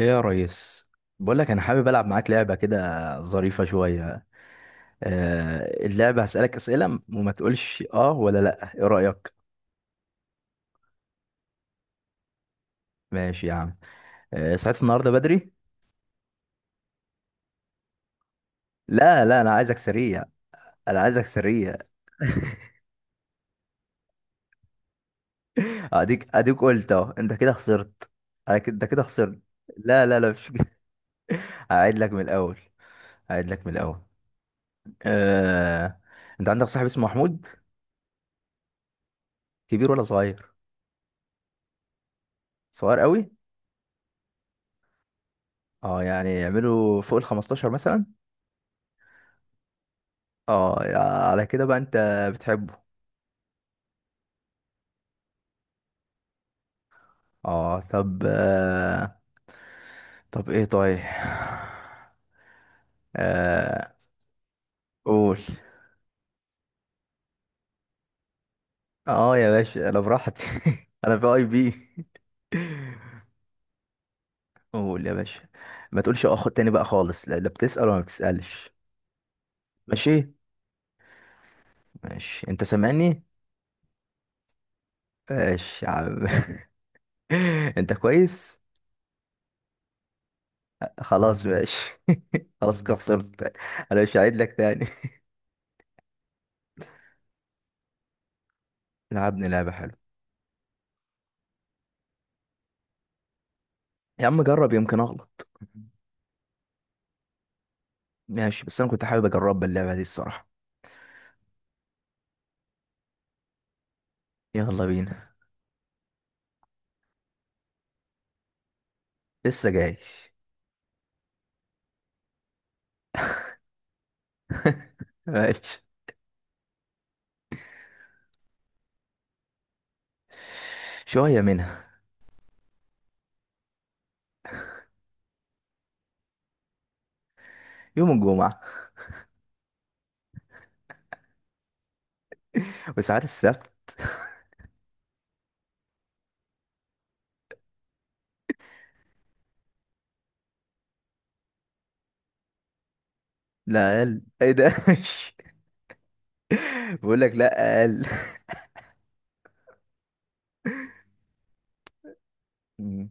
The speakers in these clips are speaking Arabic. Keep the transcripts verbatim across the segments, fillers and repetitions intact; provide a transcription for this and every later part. ايه يا ريس، بقول لك انا حابب العب معاك لعبه كده ظريفه شويه. آه اللعبه هسالك اسئله م- وما تقولش اه ولا لا، ايه رايك؟ ماشي يا عم. آه صحيت النهارده بدري. لا، لا، انا عايزك سريع، انا عايزك سريع. اديك اديك قلت اهو، انت كده خسرت. أنا كده- انت كده خسرت. لا، لا، لا، مش كده. هعيد لك من الاول هعيد لك من الاول آه انت عندك صاحب اسمه محمود؟ كبير ولا صغير؟ صغير قوي؟ اه يعني يعملوا فوق ال خمستاشر مثلا. اه يا- على كده بقى، انت بتحبه؟ اه، طب. آه. طب ايه؟ طيب. آه. قول. اه، يا باشا، انا براحتي. انا في اي بي. قول يا باشا. ما تقولش اخد تاني بقى خالص، لا، لا، بتسأل ولا ما بتسألش؟ ماشي. ماشي، انت سامعني؟ ماشي يا عم. انت كويس؟ خلاص، ماشي. خلاص كده خسرت. انا مش هعيد لك تاني. لعبني لعبة حلوة. يا عم جرب، يمكن اغلط. ماشي، بس انا كنت حابب اجرب اللعبه دي الصراحه. يلا بينا. لسه جايش. ماشي. شويه منها. يوم الجمعه. وساعات السبت. لا اقل، ايه ده؟ بقول لك لا اقل. مم.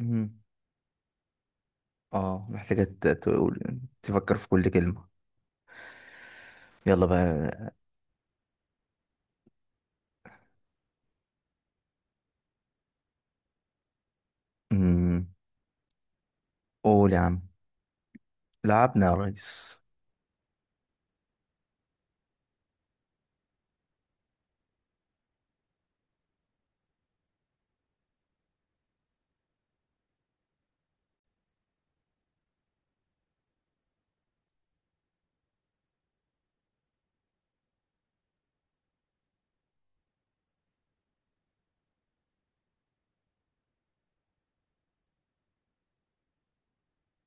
مم. اه محتاجه ت- تقول تفكر في كل كلمه. يلا بقى. مم. قول يا عم. لعبنا يا ريس.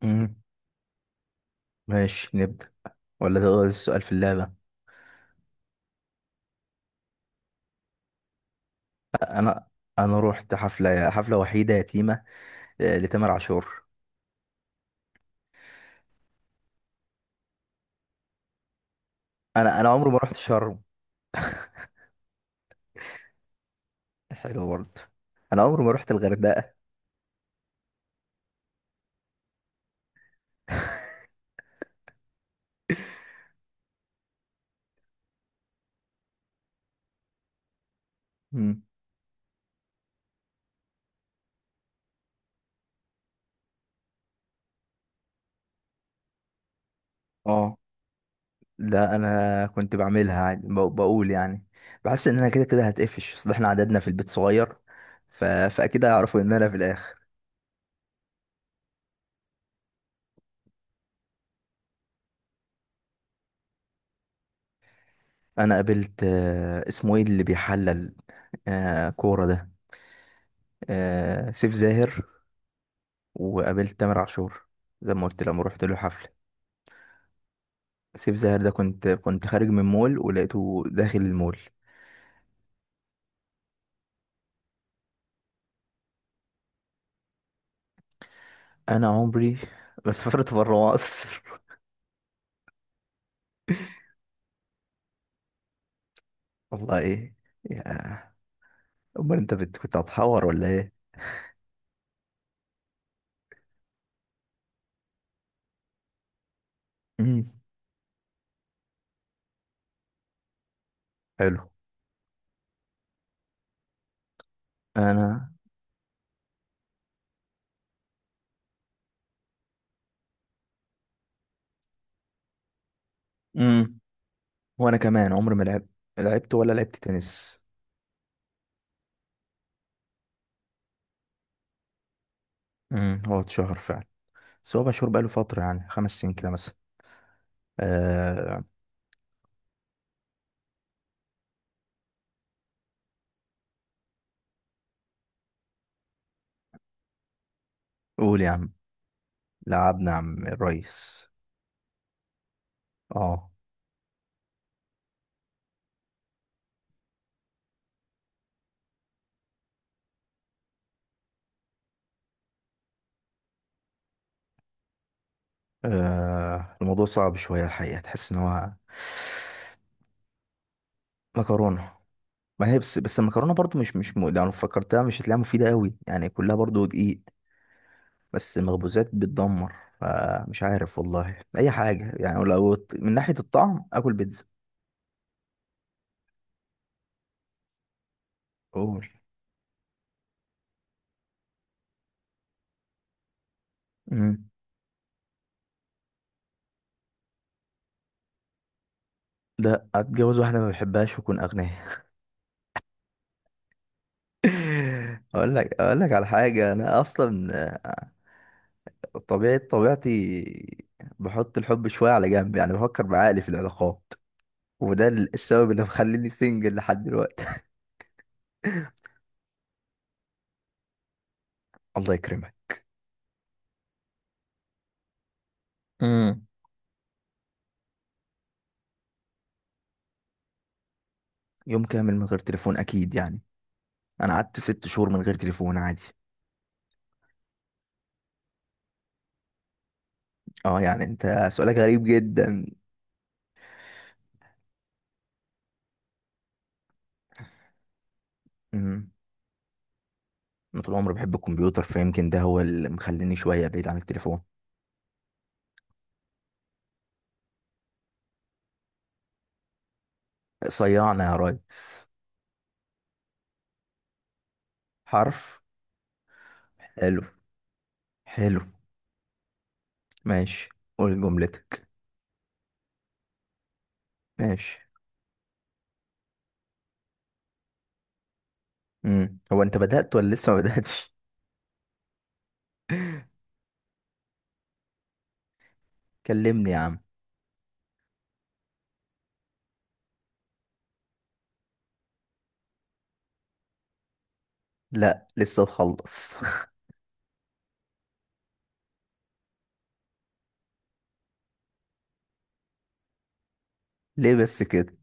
مم. ماشي، نبدا. ولا ده السؤال في اللعبه؟ انا انا روحت حفله حفله وحيده يتيمه، آه، لتامر عاشور. انا انا عمري ما رحت شرم. حلو برضه. انا عمري ما رحت الغردقه. مم. اه. لا، انا كنت بعملها عادي، ب- بقول يعني. بحس ان انا كده كده هتقفش، اصل احنا عددنا في البيت صغير. ف... فاكيد هيعرفوا ان انا في الاخر. انا قابلت، آه، اسمه ايه اللي بيحلل، آه، كوره ده، آه، سيف زاهر، وقابلت تامر عاشور، زي ما قلت لما رحت له حفله. سيف زاهر ده، كنت كنت خارج من مول ولقيته داخل المول. انا عمري ما سافرت بره مصر. والله ايه. يا. امال انت بت- كنت هتحور ولا ايه؟ امم. حلو. انا. امم. وانا كمان عمري ما لعب لعبت ولا لعبت تنس. امم هو اتشهر فعلا. بس هو مشهور بقاله فتره، يعني خمس سنين كده مثلا. آه... قول يا عم. لعبنا يا عم الريس. اه. آه، الموضوع صعب شويه الحقيقه، تحس ان هو، مكرونه. ما هي، بس بس المكرونه برضو مش مش م... لو فكرتها مش هتلاقيها مفيده قوي، يعني كلها برضو دقيق. بس مخبوزات بتدمر، فمش عارف والله اي حاجه، يعني لو ت- من ناحيه الطعم اكل بيتزا. قول. امم. ده اتجوز واحده ما بحبهاش واكون اغنياء. اقول لك اقول لك على حاجه، انا اصلا، آه، طبيعه طبيعتي بحط الحب شويه على جنب، يعني بفكر بعقلي في العلاقات، وده السبب اللي مخليني سنجل لحد دلوقتي. الله يكرمك. يوم كامل من غير تليفون اكيد يعني. انا قعدت ست شهور من غير تليفون عادي. اه يعني انت، سؤالك غريب جدا. أمم. انا طول عمري بحب الكمبيوتر، فيمكن ده هو اللي مخليني شويه بعيد عن التليفون. صيعنا يا ريس. حرف. حلو. حلو. ماشي. قول جملتك. ماشي. امم هو انت بدأت ولا لسه ما بدأتش؟ كلمني يا عم. لا لسه مخلص. ليه بس كده؟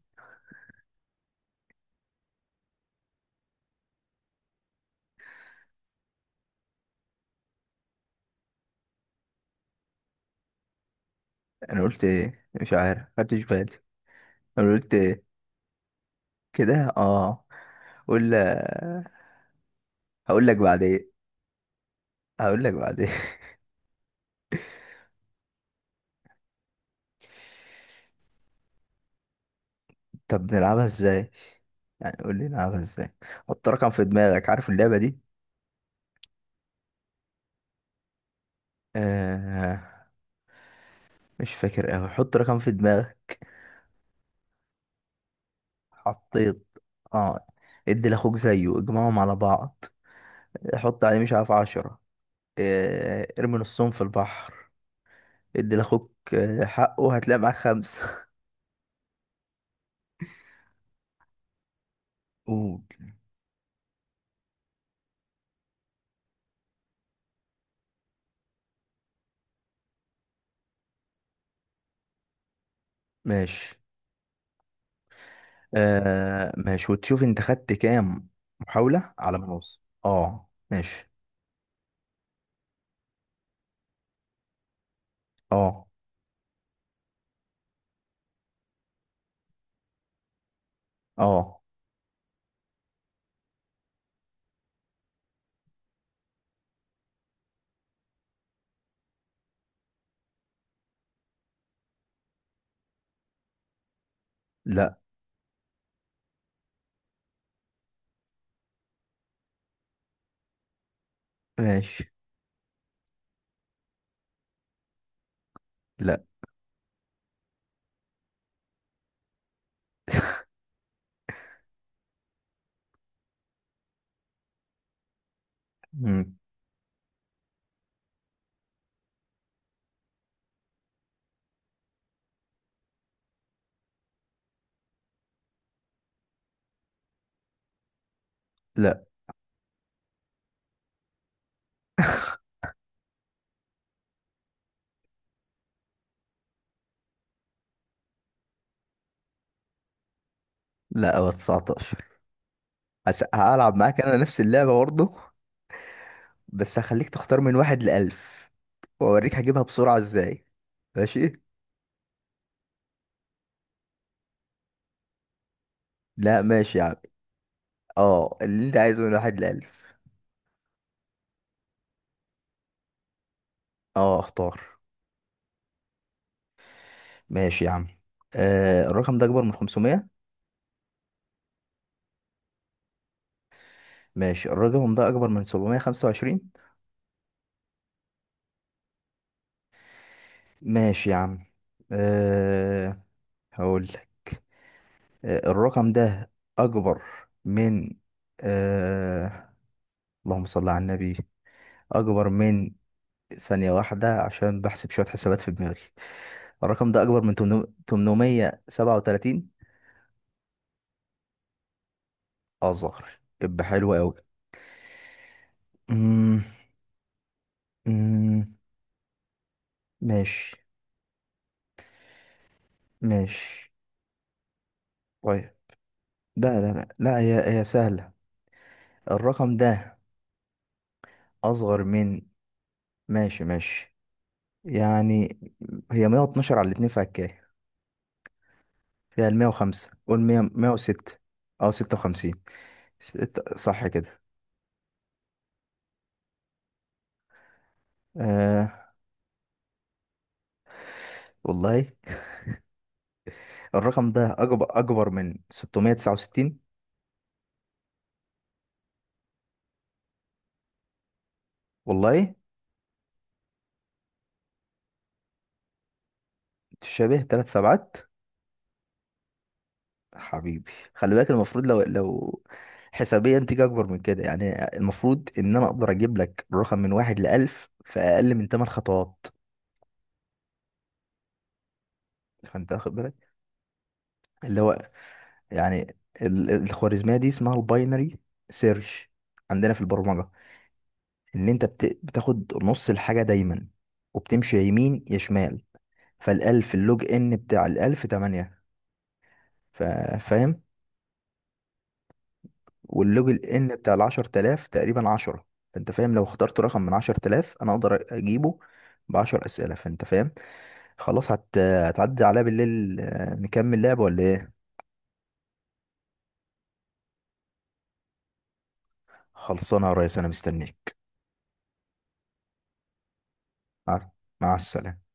انا قلت ايه؟ مش عارف خدتش بالي. انا قلت ايه؟ كده اه. قول. هقول لك بعدين. هقول لك بعدين. طب نلعبها ازاي؟ يعني قول لي نلعبها ازاي. حط رقم في دماغك، عارف اللعبة دي؟ آه. مش فاكر قوي، حط رقم في دماغك. حطيت. اه. ادي لاخوك زيه، اجمعهم على بعض. حط عليه مش عارف عشرة. آه ارمي نصهم في البحر. ادي لاخوك، آه، حقه، هتلاقي معاك خمسة. قول. ماشي. آه ماشي، وتشوف انت خدت كام محاولة على ما نوصل، اه ماشي. اه. اه. لا. ماشي. لا. مم. لا، لا، هو تسعتاشر. هس- هلعب معاك انا نفس اللعبة برضه، بس هخليك تختار من واحد لألف. واوريك هجيبها بسرعة ازاي. ماشي. لا ماشي يا عم. اه، اللي انت عايزه من واحد لألف. اه، اختار. ماشي يا عم. آه الرقم ده اكبر من خمسمائة؟ ماشي. الرقم ده اكبر من سبعميه وخمسة وعشرين؟ ماشي يا عم. آه. هقول لك. آه الرقم ده اكبر من، آه اللهم صل على النبي، اكبر من، ثانية واحدة عشان بحسب شوية حسابات في دماغي. الرقم ده اكبر من تمنميه وسبعة وتلاتين؟ اظهر، يبقى حلو قوي. أمم. أمم. ماشي. ماشي. طيب. لا، لا، لا، لا، هي هي سهلة. الرقم ده اصغر من، ماشي، ماشي، يعني هي ميه واتناشر على الاتنين في هكاية، فيها ال مائة وخمسة، قول مائة، ميه وستة. اه، ستة وخمسين. ست- صح كده. آه. والله. الرقم ده أكبر، أكبر من ستميه وتسعة وستين؟ والله، تشابه ثلاث سبعات. حبيبي خلي بالك، المفروض لو، لو حسابيا تيجي أكبر من كده، يعني المفروض إن أنا أقدر أجيب لك الرقم من واحد لألف في أقل من تمانية خطوات. فأنت واخد بالك اللي هو، يعني ال- الخوارزمية دي اسمها الباينري سيرش، عندنا في البرمجة. إن أنت بت- بتاخد نص الحاجة دايما، وبتمشي يمين يا شمال. فالألف، اللوج إن بتاع الألف تمانية، فا- فاهم؟ واللوج الان بتاع ال عشرتلاف تقريبا عشر. فانت فاهم، لو اخترت رقم من عشرتلاف انا اقدر اجيبه ب عشر اسئله، فانت فاهم. خلاص، هت... هتعدي عليا بالليل، آه، نكمل لعب ولا ايه؟ خلصانه يا ريس، انا مستنيك. مع مع السلامه.